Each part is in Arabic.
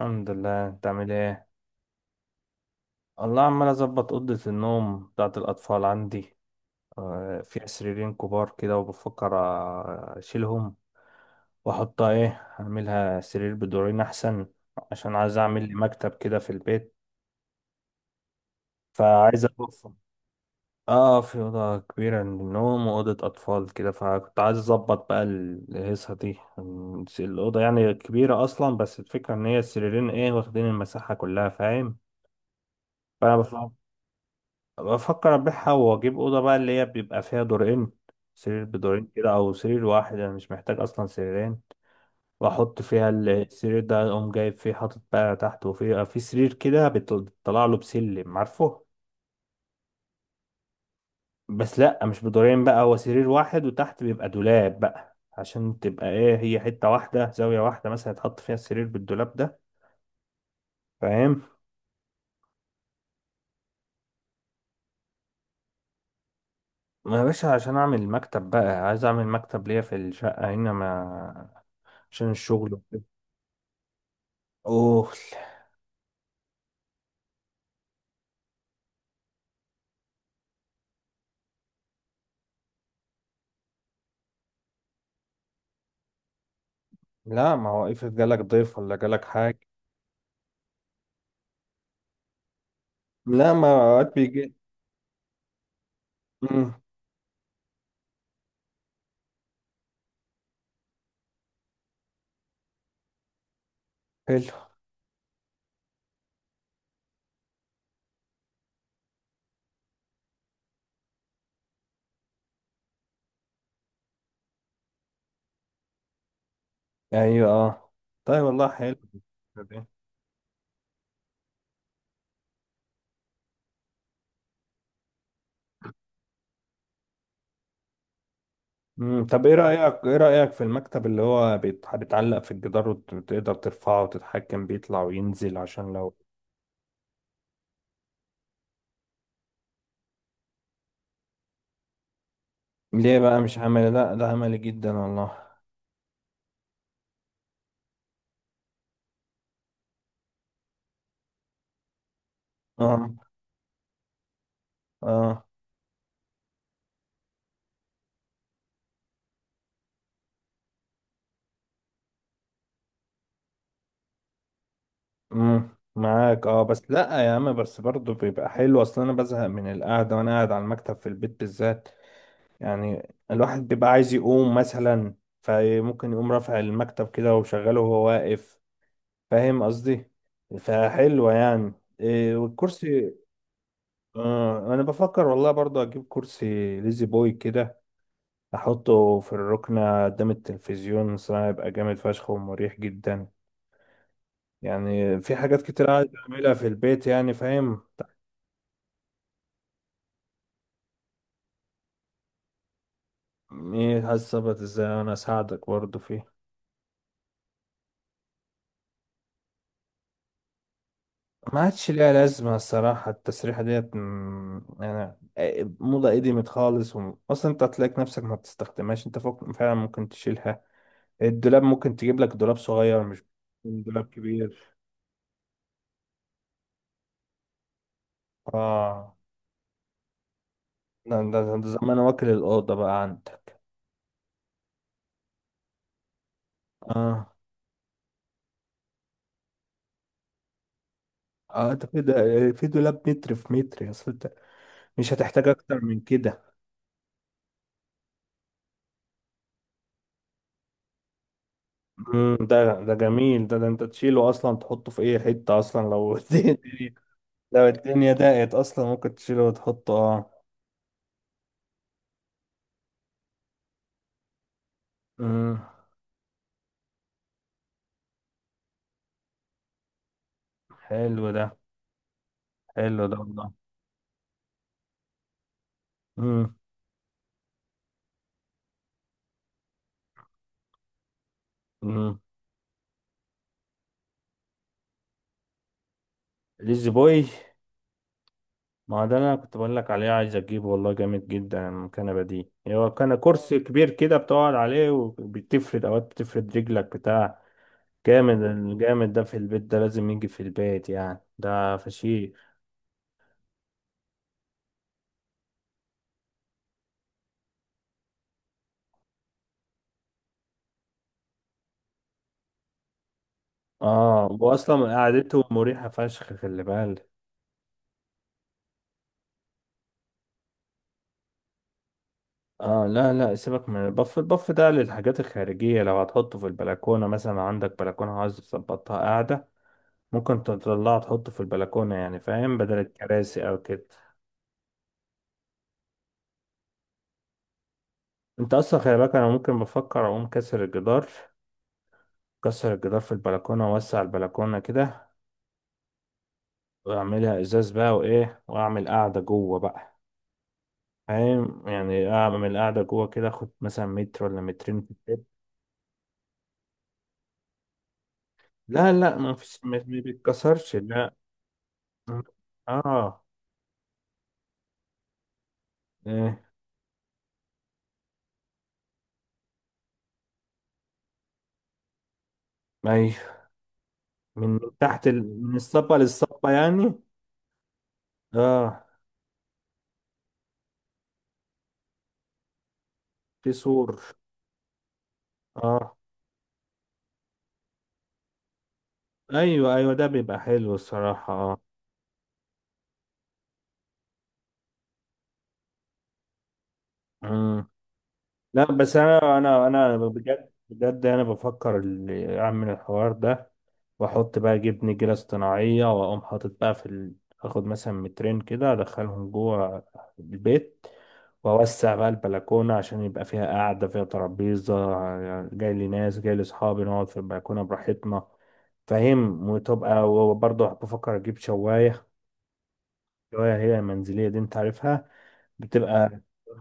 الحمد لله، انت عامل ايه؟ الله، عمال اظبط اوضه النوم بتاعت الاطفال عندي. فيها سريرين كبار كده، وبفكر اشيلهم واحطها ايه. اعملها سرير بدورين احسن، عشان عايز اعمل لي مكتب كده في البيت، فعايز اوفر. اه، في اوضه كبيره للنوم واوضه اطفال كده، فكنت عايز اظبط بقى الهيصه دي. الاوضه يعني كبيره اصلا، بس الفكره ان هي السريرين ايه، واخدين المساحه كلها، فاهم؟ فانا بفكر. بفكر ابيعها واجيب اوضه بقى اللي هي بيبقى فيها دورين، سرير بدورين كده، او سرير واحد. انا مش محتاج اصلا سريرين. واحط فيها السرير ده، اقوم جايب فيه حاطط بقى تحت، وفيه في سرير كده بيطلع له بسلم، عارفه؟ بس لا، مش بدورين بقى، هو سرير واحد وتحت بيبقى دولاب بقى، عشان تبقى ايه، هي حته واحده، زاويه واحده مثلا، يتحط فيها السرير بالدولاب ده. فاهم؟ ما يا باشا، عشان اعمل مكتب بقى، عايز اعمل مكتب ليا في الشقه هنا، ما عشان الشغل وكده. اوه. لا، ما هو افرض جالك ضيف ولا جالك حاجة. لا، ما اوقات بيجي. امم. حلو. ايوه اه. طيب والله حلو. امم. طب ايه رأيك، ايه رأيك في المكتب اللي هو بيتعلق في الجدار، وتقدر ترفعه وتتحكم بيطلع وينزل، عشان لو. ليه بقى مش عملي؟ لا، ده عملي جدا والله. اه. اه. امم. معاك اه، بس لا يا عم، بس برضه بيبقى حلو، اصل انا بزهق من القعدة وانا قاعد على المكتب في البيت بالذات. يعني الواحد بيبقى عايز يقوم مثلا، فممكن يقوم رافع المكتب كده وشغله وهو واقف، فاهم قصدي؟ فحلوة يعني. إيه والكرسي؟ آه، انا بفكر والله برضو اجيب كرسي ليزي بوي كده، احطه في الركنة قدام التلفزيون، صراحة يبقى جامد فشخ ومريح جدا. يعني في حاجات كتير عايز اعملها في البيت يعني، فاهم؟ طب ايه هظبط ازاي، انا اساعدك برضو فيه. ما عادش ليها لازمة الصراحة، التسريحة ديت مم، يعني إيه، موضة قديمت خالص، أصلا أنت هتلاقي نفسك ما بتستخدمهاش. أنت فوق فعلا ممكن تشيلها. الدولاب ممكن تجيب لك دولاب صغير، مش دولاب كبير. آه، ده زمان واكل الأوضة بقى عندك. آه. آه، ده كده. في دولاب متر في متر، يا أصل أنت مش هتحتاج أكتر من كده. مم، ده ده جميل، ده أنت تشيله أصلا، تحطه في أي حتة أصلا لو الدنيا. لو الدنيا ضاقت اصلا ممكن تشيله وتحطه، اه. امم. حلو ده. حلو ده والله. امم. امم. ليزي بوي. ما هو ده اللي انا كنت بقول لك عليه، عايز اجيبه والله، جامد جدا المكنبه دي. هو كان كرسي كبير كده بتقعد عليه، وبتفرد اوقات، بتفرد رجلك بتاع. جامد. الجامد ده في البيت، ده لازم يجي في البيت يعني، ده فشيخ. اه، واصلا قعدته مريحه فشخ، خلي بالك. اه، لا سيبك من البف، البف ده للحاجات الخارجية. لو هتحطه في البلكونة مثلا، عندك بلكونة عايز تظبطها قاعدة، ممكن تطلعه تحطه في البلكونة يعني، فاهم، بدل الكراسي او كده. انت اصلا خلي بالك، انا ممكن بفكر اقوم كسر الجدار، كسر الجدار في البلكونة، واوسع البلكونة كده، واعملها ازاز بقى وايه، واعمل قاعدة جوه بقى. فاهم يعني، اعمل قاعدة جوه كده، اخد مثلا متر ولا مترين في البيت. لا لا، ما فيش، ما بيتكسرش، لا. اه. إيه. ما من من تحت ال... من الصبة للصبة يعني. اه، في سور. اه ايوه ايوه، ده بيبقى حلو الصراحة، اه. مم. لا، بس انا بجد بجد انا بفكر اعمل الحوار ده، واحط بقى جبن، جبنة اصطناعية، واقوم حاطط بقى في ال... اخد مثلا مترين كده، ادخلهم جوه البيت، واوسع بقى البلكونة، عشان يبقى فيها قعدة، فيها ترابيزة، جاي لي ناس، جاي لي صحابي، نقعد في البلكونة براحتنا، فاهم؟ وتبقى، وبرضه بفكر اجيب شواية. شواية هي المنزلية دي انت عارفها، بتبقى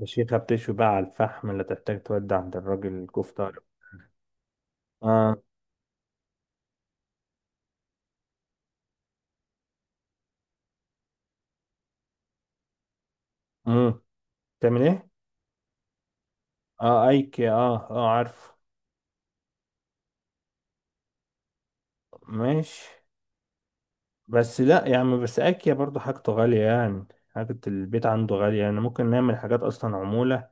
فشيخة، بتشوي بقى على الفحم، لا تحتاج تودي عند الراجل الكفتة. اه. امم. تعمل ايه؟ اه، ايكي، اه اه عارف. ماشي. بس لا يعني، بس اكيا برضو حاجته غالية يعني، حاجة البيت عنده غالية يعني، ممكن نعمل حاجات اصلا عمولة.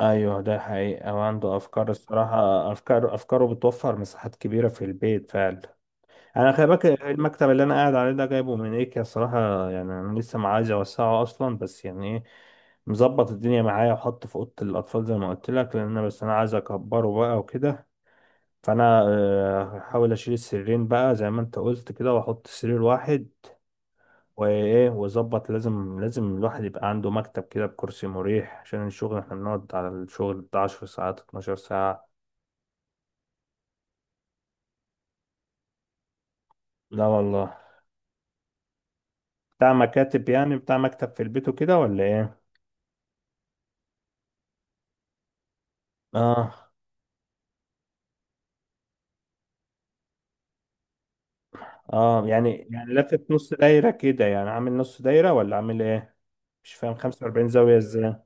ايوه، ده حقيقة، وعنده افكار الصراحة، افكار، افكاره بتوفر مساحات كبيرة في البيت فعلا. انا خلي بالك، المكتب اللي انا قاعد عليه ده جايبه من ايكيا الصراحة يعني، انا لسه ما عايز اوسعه اصلا، بس يعني ايه، مظبط الدنيا معايا. وحطه في اوضة الاطفال زي ما قلت لك، لان بس انا عايز اكبره بقى وكده. فانا هحاول اشيل السريرين بقى زي ما انت قلت كده، واحط سرير واحد وايه، وظبط. لازم، لازم الواحد يبقى عنده مكتب كده بكرسي مريح عشان الشغل، احنا بنقعد على الشغل بتاع 10 ساعات، 12 ساعة. لا والله. بتاع مكاتب يعني، بتاع مكتب في البيت وكده، ولا ايه؟ اه. اه، يعني، يعني لافف نص دايرة كده يعني، عامل نص دايرة ولا عامل ايه؟ مش فاهم 45 زاوية ازاي.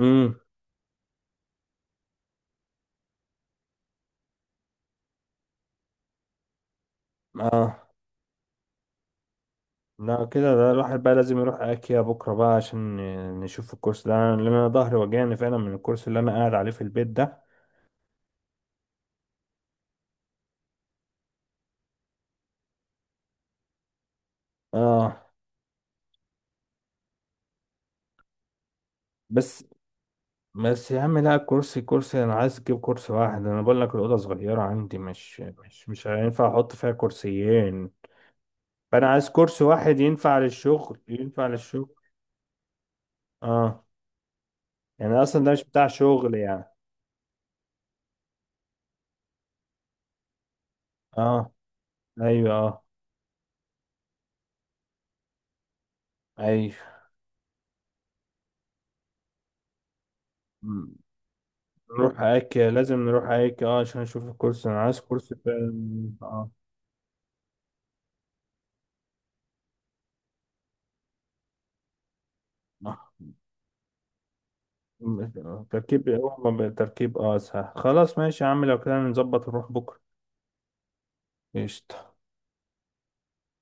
امم. اه، لا كده ده الواحد بقى لازم يروح اكيا بكرة بقى، عشان نشوف الكورس ده، لان انا ظهري وجعني فعلا من الكورس اللي انا قاعد عليه في البيت ده. اه. بس بس يا عم لا، كرسي، كرسي انا عايز اجيب كرسي واحد. انا بقول لك الاوضه صغيره عندي، مش هينفع احط فيها كرسيين. فانا عايز كرسي واحد ينفع للشغل، ينفع للشغل. اه، يعني اصلا ده مش بتاع شغل يعني. اه ايوه اه. ايوه. م- نروح ايكيا، لازم نروح ايكيا اه، عشان نشوف الكرسي، انا عايز كرسي فعلا، اه. آه. تركيب هو تركيب، اه سهل، خلاص ماشي يا عم، لو كده نظبط نروح بكره. قشطة.